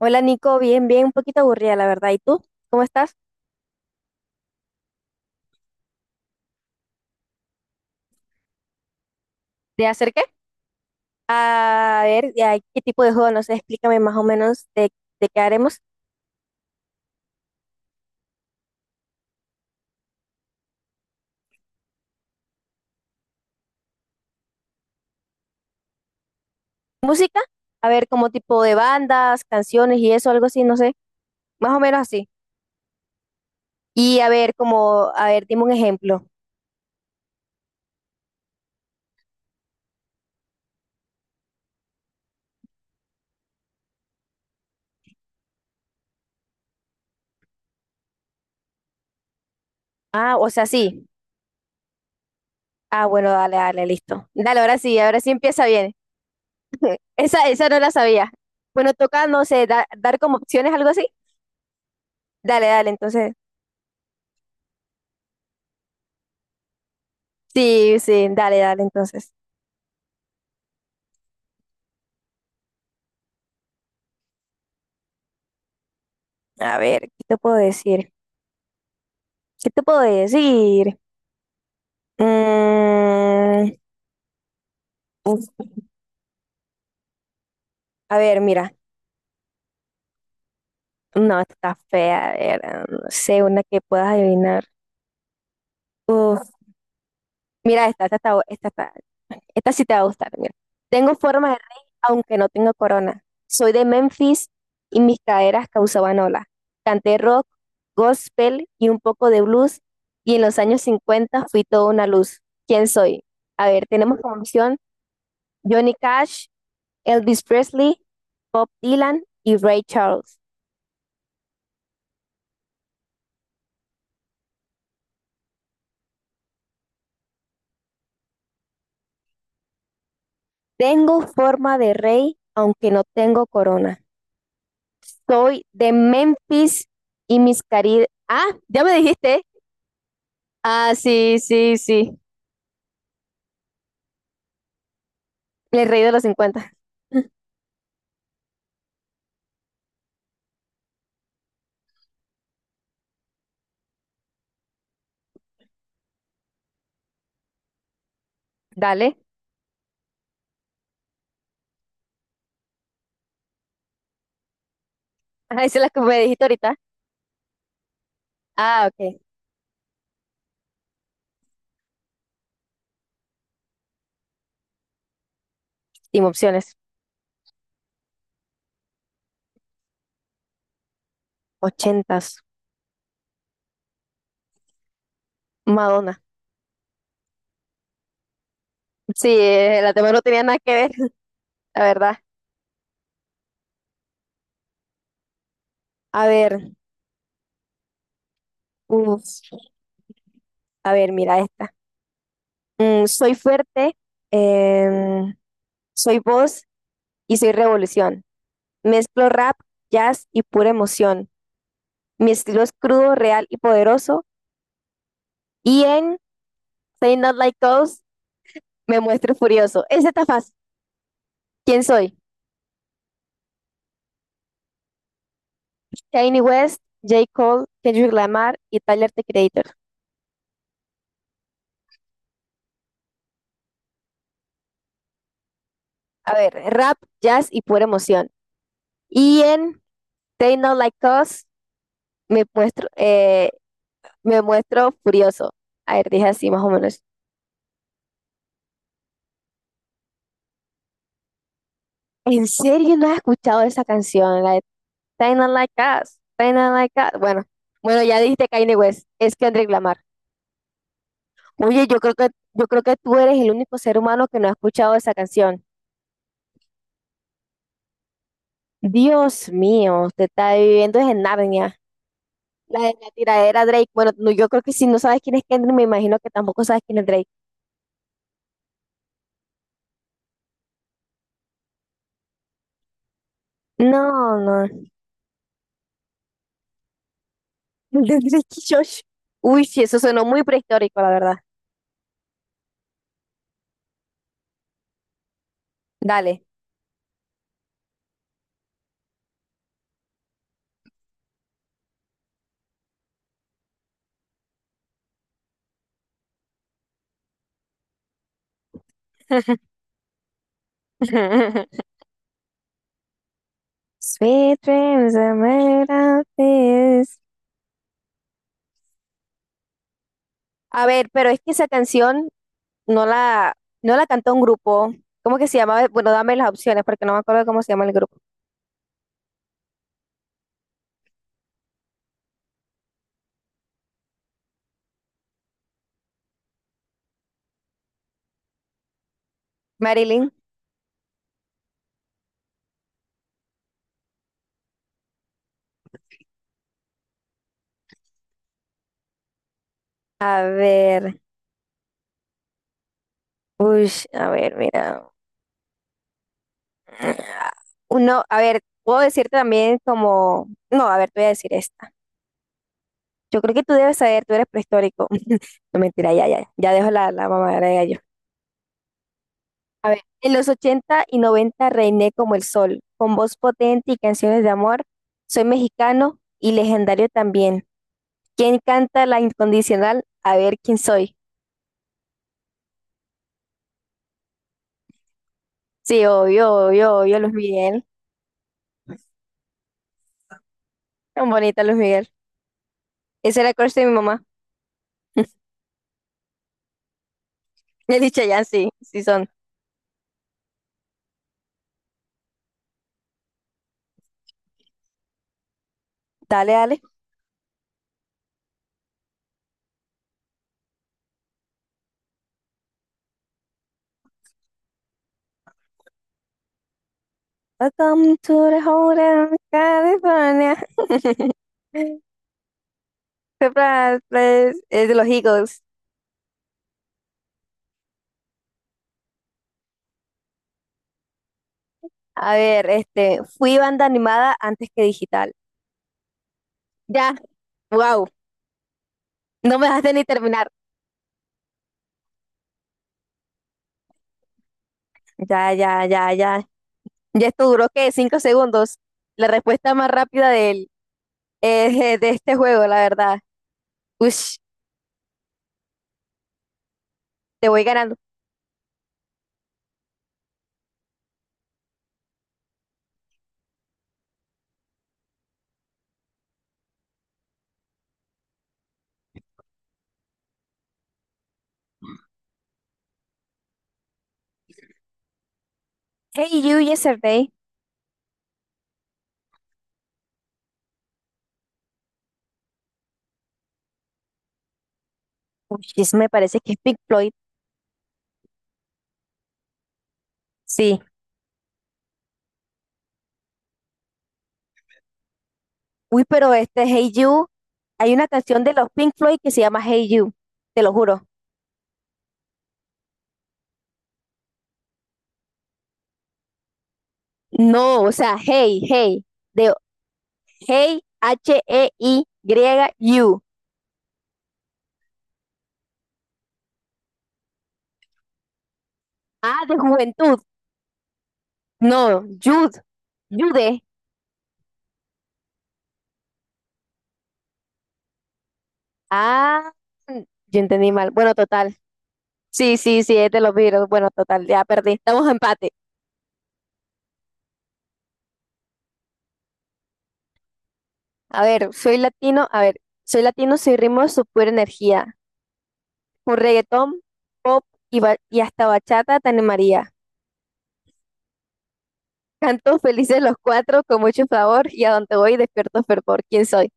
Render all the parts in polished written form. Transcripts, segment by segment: Hola Nico, bien, bien, un poquito aburrida la verdad. ¿Y tú? ¿Cómo estás? ¿De hacer qué? A ver, ya, ¿qué tipo de juego? No sé, explícame más o menos de qué haremos. ¿Música? A ver, como tipo de bandas, canciones y eso, algo así, no sé. Más o menos así. Y a ver, como, a ver, dime un ejemplo. Ah, o sea, sí. Ah, bueno, dale, dale, listo. Dale, ahora sí empieza bien. Esa no la sabía. Bueno, toca, no sé, dar como opciones, algo así. Dale, dale, entonces. Sí, sí, dale, dale, entonces. A ver, ¿qué te puedo decir? ¿Qué te puedo decir? Mm, uf, a ver, mira. No, está fea. A ver, ah, no sé, una que puedas adivinar. Uf, Mira, esta, está bu- esta, está- esta sí te va a gustar. Mira. Tengo forma de rey, aunque no tengo corona. Soy de Memphis y mis caderas causaban ola. Canté rock, gospel y un poco de blues. Y en los años 50 fui toda una luz. ¿Quién soy? A ver, tenemos como opción Johnny Cash, Elvis Presley, Bob Dylan y Ray Charles. Tengo forma de rey, aunque no tengo corona. Soy de Memphis Ah, ya me dijiste. Ah, sí, sí, sí. El rey de los 50. Dale. Ah, esa es la que me dijiste ahorita. Ah, ok. Sin opciones. 80s. Madonna. Sí, la tema no tenía nada que ver, la verdad. A ver, uf, a ver, mira esta. Soy fuerte, em, soy voz y soy revolución. Mezclo rap, jazz y pura emoción. Mi estilo es crudo, real y poderoso. Y en Say Not Like Us me muestro furioso. Ese está fácil. ¿Quién soy? Kanye West, J. Cole, Kendrick Lamar y Tyler the Creator. A ver, rap, jazz y pura emoción. Y en Say Not Like Us me muestro, eh, me muestro furioso. A ver, dije así más o menos. ¿En serio no has escuchado esa canción, la de Kinda Like Us, Kinda Like Us? Bueno, bueno, ya dijiste Kanye West, es Kendrick Lamar. Oye, yo creo que tú eres el único ser humano que no ha escuchado esa canción. Dios mío, te está viviendo es en Narnia. La de la tiradera Drake. Bueno, no, yo creo que si no sabes quién es Kendrick, me imagino que tampoco sabes quién es Drake. No, no. El de Drake y Josh. Uy, sí, eso sonó muy prehistórico, la verdad. Dale. Sweet dreams are made of this. A ver, pero es que esa canción no la, no la cantó un grupo. ¿Cómo que se llamaba? Bueno, dame las opciones porque no me acuerdo cómo se llama el grupo. Marilyn. A ver. Uy, a ver, mira. Uno, a ver, puedo decirte también como. No, a ver, te voy a decir esta. Yo creo que tú debes saber, tú eres prehistórico. No mentira, ya, ya, ya dejo la mamadera de gallo. A ver, en los 80 y 90 reiné como el sol, con voz potente y canciones de amor. Soy mexicano y legendario también. ¿Quién canta La Incondicional? A ver quién soy. Sí, obvio, obvio, obvio, Luis Miguel. Tan bonita Luis Miguel. Ese era el crush de mi mamá. He dicho ya, sí, sí son. Dale, dale. Welcome to the hotel, California. Surprise, please. Es de los Eagles. A ver, este, fui banda animada antes que digital. Ya, wow, no me dejaste ni terminar. Ya, ya, ya, ya. Ya esto duró, ¿qué? 5 segundos. La respuesta más rápida de este juego, la verdad. Ush, Te voy ganando. Hey You Yesterday. Uy, ese me parece que es Pink Floyd. Sí. Uy, pero este Hey You, hay una canción de los Pink Floyd que se llama Hey You, te lo juro. No, o sea, Hey, Hey, de Hey, Hey, You. Ah, de juventud. No, Jude, Jude. Ah, yo entendí mal. Bueno, total. Sí, sí, sí, es de los Beatles. Bueno, total, ya perdí. Estamos en empate. A ver, soy latino, soy ritmo de su pura energía. Un reggaetón, pop y hasta bachata te maría. Canto felices los cuatro con mucho favor y a donde voy despierto fervor. ¿Quién soy?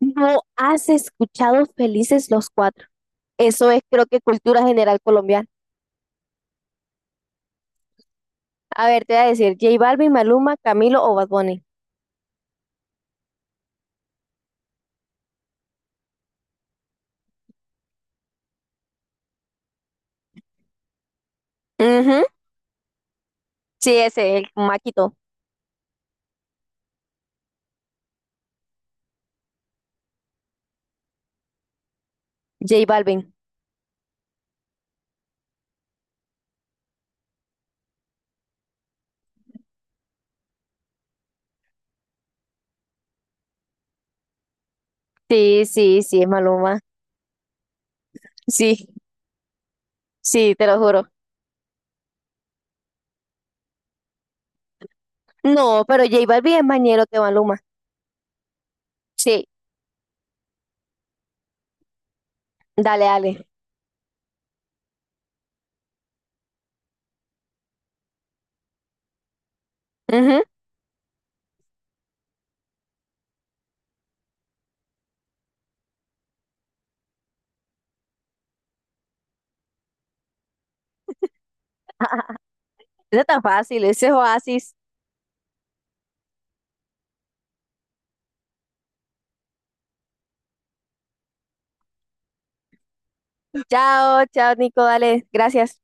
No has escuchado Felices los Cuatro. Eso es creo que cultura general colombiana. A ver, te voy a decir J Balvin, Maluma, Camilo o Bad Bunny. Ujú, sí, ese, el maquito. J Balvin. Sí, sí, sí, es Maluma. Sí, sí, te lo juro. No, pero J Balvin es más ñero que Maluma. Sí, dale, dale. Ujú. No es tan fácil, ese es Oasis. Chao, chao, Nico, dale, gracias.